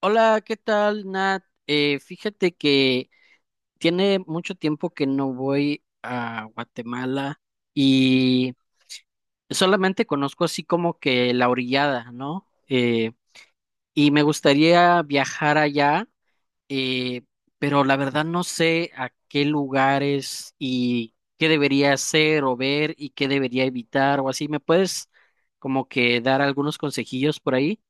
Hola, ¿qué tal, Nat? Fíjate que tiene mucho tiempo que no voy a Guatemala y solamente conozco así como que la orillada, ¿no? Y me gustaría viajar allá, eh, pero la verdad no sé a qué lugares y qué debería hacer o ver y qué debería evitar o así. ¿Me puedes como que dar algunos consejillos por ahí?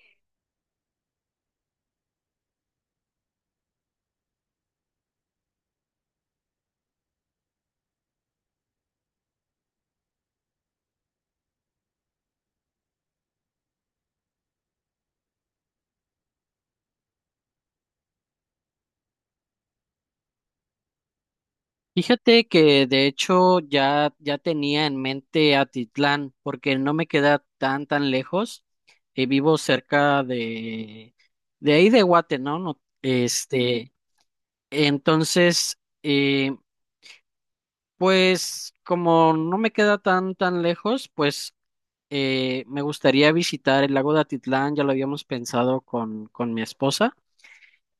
Fíjate que de hecho ya tenía en mente Atitlán, porque no me queda tan tan lejos. Vivo cerca de ahí de Guate, ¿no? No, este, entonces, eh, pues como no me queda tan tan lejos, pues me gustaría visitar el lago de Atitlán, ya lo habíamos pensado con mi esposa.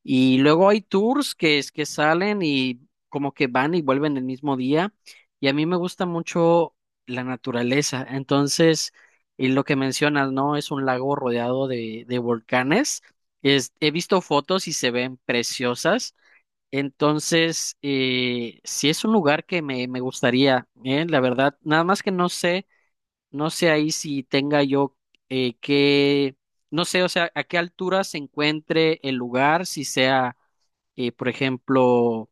Y luego hay tours que es que salen y como que van y vuelven el mismo día. Y a mí me gusta mucho la naturaleza. Entonces, y lo que mencionas, ¿no? Es un lago rodeado de volcanes. Es, he visto fotos y se ven preciosas. Entonces, sí es un lugar que me gustaría, ¿eh? La verdad, nada más que no sé, no sé ahí si tenga yo eh, que, no sé, o sea, a qué altura se encuentre el lugar, si sea por ejemplo,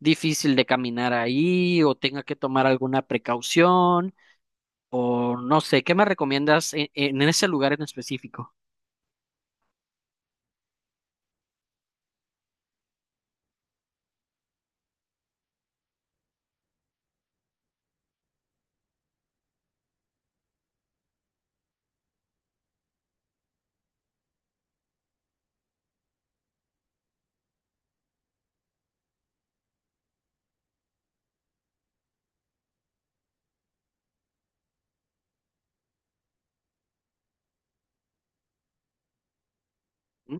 difícil de caminar ahí o tenga que tomar alguna precaución o no sé, ¿qué me recomiendas en ese lugar en específico? ¿Mm?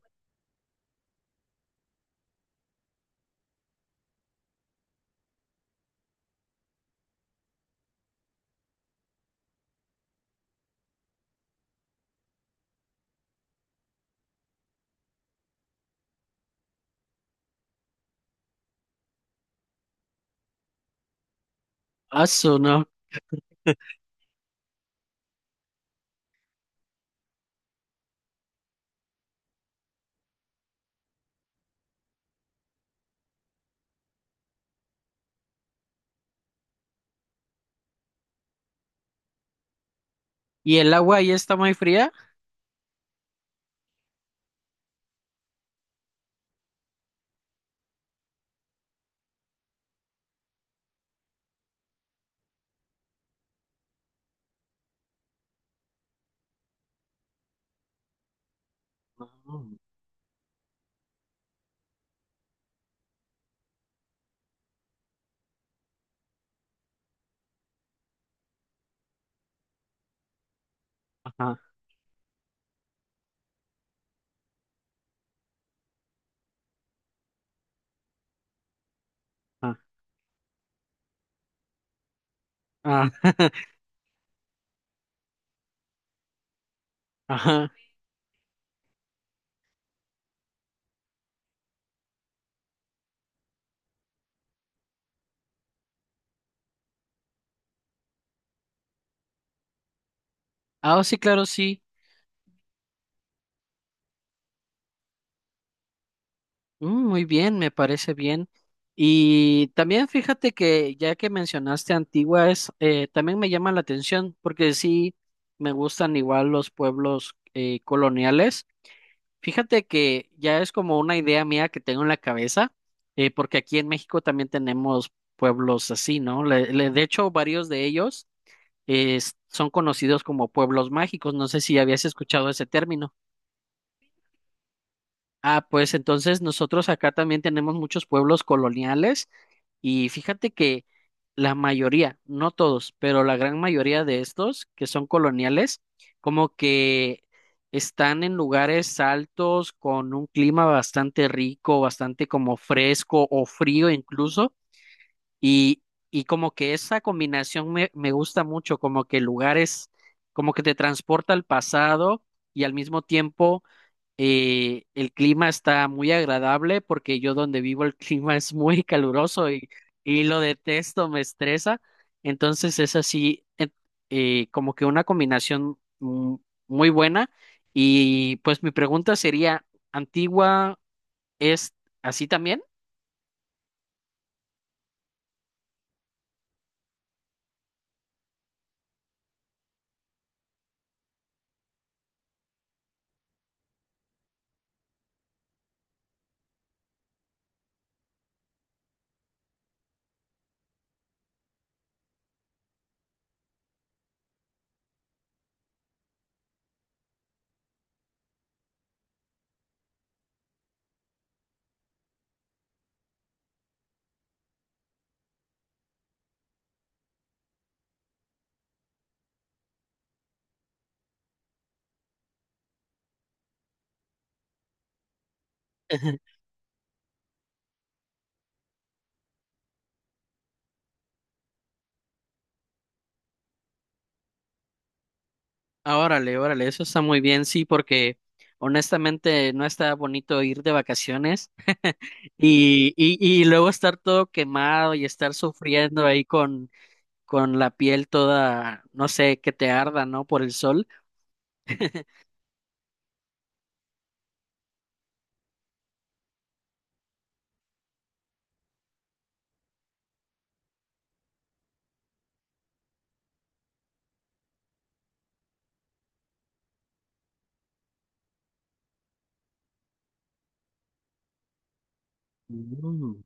Ah, eso no. ¿Y el agua ahí está muy fría? Mm. Ajá, ajá, ah, ajá. Ah, oh, sí, claro, sí. Mm, muy bien, me parece bien. Y también fíjate que ya que mencionaste Antigua, es, también me llama la atención porque sí me gustan igual los pueblos coloniales. Fíjate que ya es como una idea mía que tengo en la cabeza, porque aquí en México también tenemos pueblos así, ¿no? De hecho, varios de ellos eh, son conocidos como pueblos mágicos. No sé si habías escuchado ese término. Ah, pues entonces nosotros acá también tenemos muchos pueblos coloniales y fíjate que la mayoría, no todos, pero la gran mayoría de estos que son coloniales, como que están en lugares altos con un clima bastante rico, bastante como fresco o frío incluso, y, y como que esa combinación me gusta mucho, como que lugares, como que te transporta al pasado y al mismo tiempo el clima está muy agradable porque yo donde vivo el clima es muy caluroso y lo detesto, me estresa. Entonces es así, como que una combinación muy buena. Y pues mi pregunta sería, ¿Antigua es así también? Ah, órale, órale, eso está muy bien, sí, porque honestamente no está bonito ir de vacaciones y luego estar todo quemado y estar sufriendo ahí con la piel toda, no sé, que te arda, ¿no? Por el sol. Mm.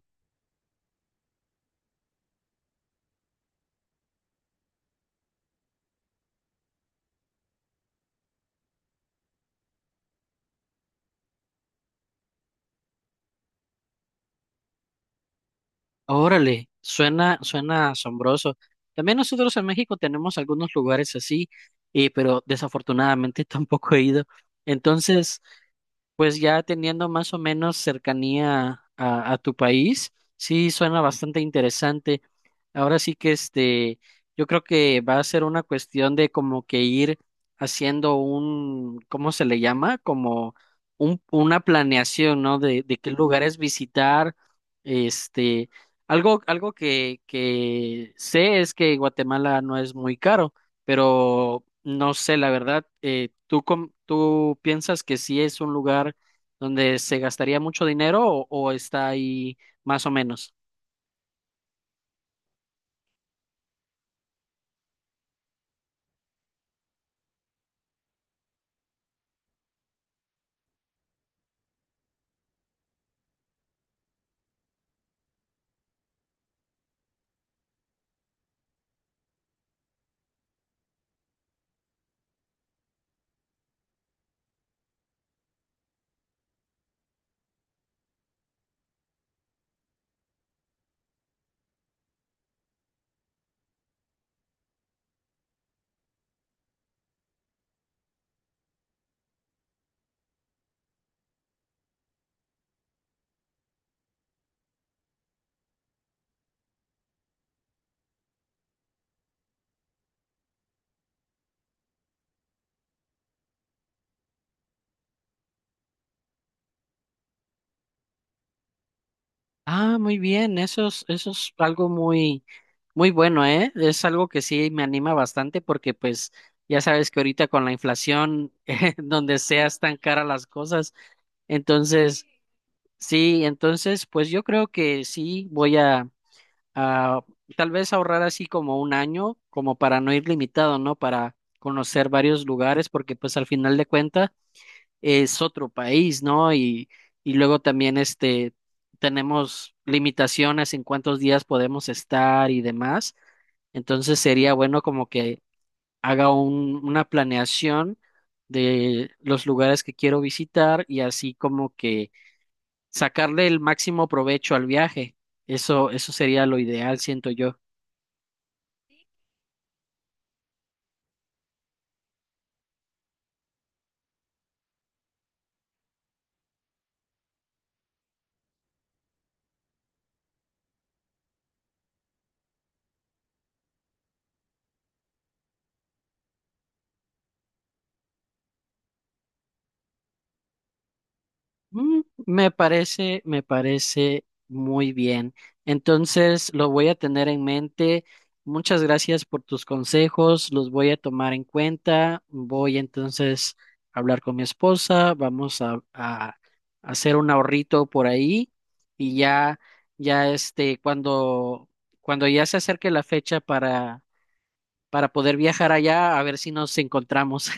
Órale, suena, suena asombroso. También nosotros en México tenemos algunos lugares así, pero desafortunadamente tampoco he ido. Entonces, pues ya teniendo más o menos cercanía a tu país, sí suena bastante interesante. Ahora sí que este, yo creo que va a ser una cuestión de como que ir haciendo un, ¿cómo se le llama? Como un, una planeación, ¿no? De qué lugares visitar. Este, algo, algo que sé es que Guatemala no es muy caro pero no sé, la verdad, ¿tú, tú piensas que sí es un lugar donde se gastaría mucho dinero o está ahí más o menos? Ah, muy bien, eso es algo muy, muy bueno, ¿eh? Es algo que sí me anima bastante porque pues ya sabes que ahorita con la inflación, donde seas tan cara las cosas, entonces, sí, entonces, pues yo creo que sí voy a... ah, tal vez ahorrar así como un año, como para no ir limitado, ¿no? Para conocer varios lugares, porque pues al final de cuentas es otro país, ¿no? Y luego también este, tenemos limitaciones en cuántos días podemos estar y demás. Entonces sería bueno como que haga una planeación de los lugares que quiero visitar y así como que sacarle el máximo provecho al viaje. Eso sería lo ideal, siento yo. Mm, me parece, me parece muy bien. Entonces, lo voy a tener en mente. Muchas gracias por tus consejos, los voy a tomar en cuenta. Voy entonces a hablar con mi esposa, vamos a hacer un ahorrito por ahí y ya, ya este, cuando, cuando ya se acerque la fecha para poder viajar allá, a ver si nos encontramos.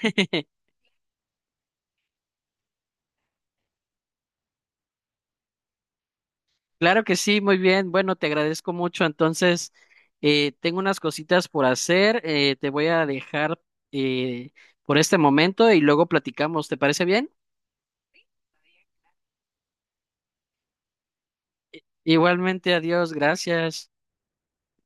Claro que sí, muy bien. Bueno, te agradezco mucho. Entonces, tengo unas cositas por hacer. Te voy a dejar eh, por este momento y luego platicamos. ¿Te parece bien? Igualmente, adiós, gracias.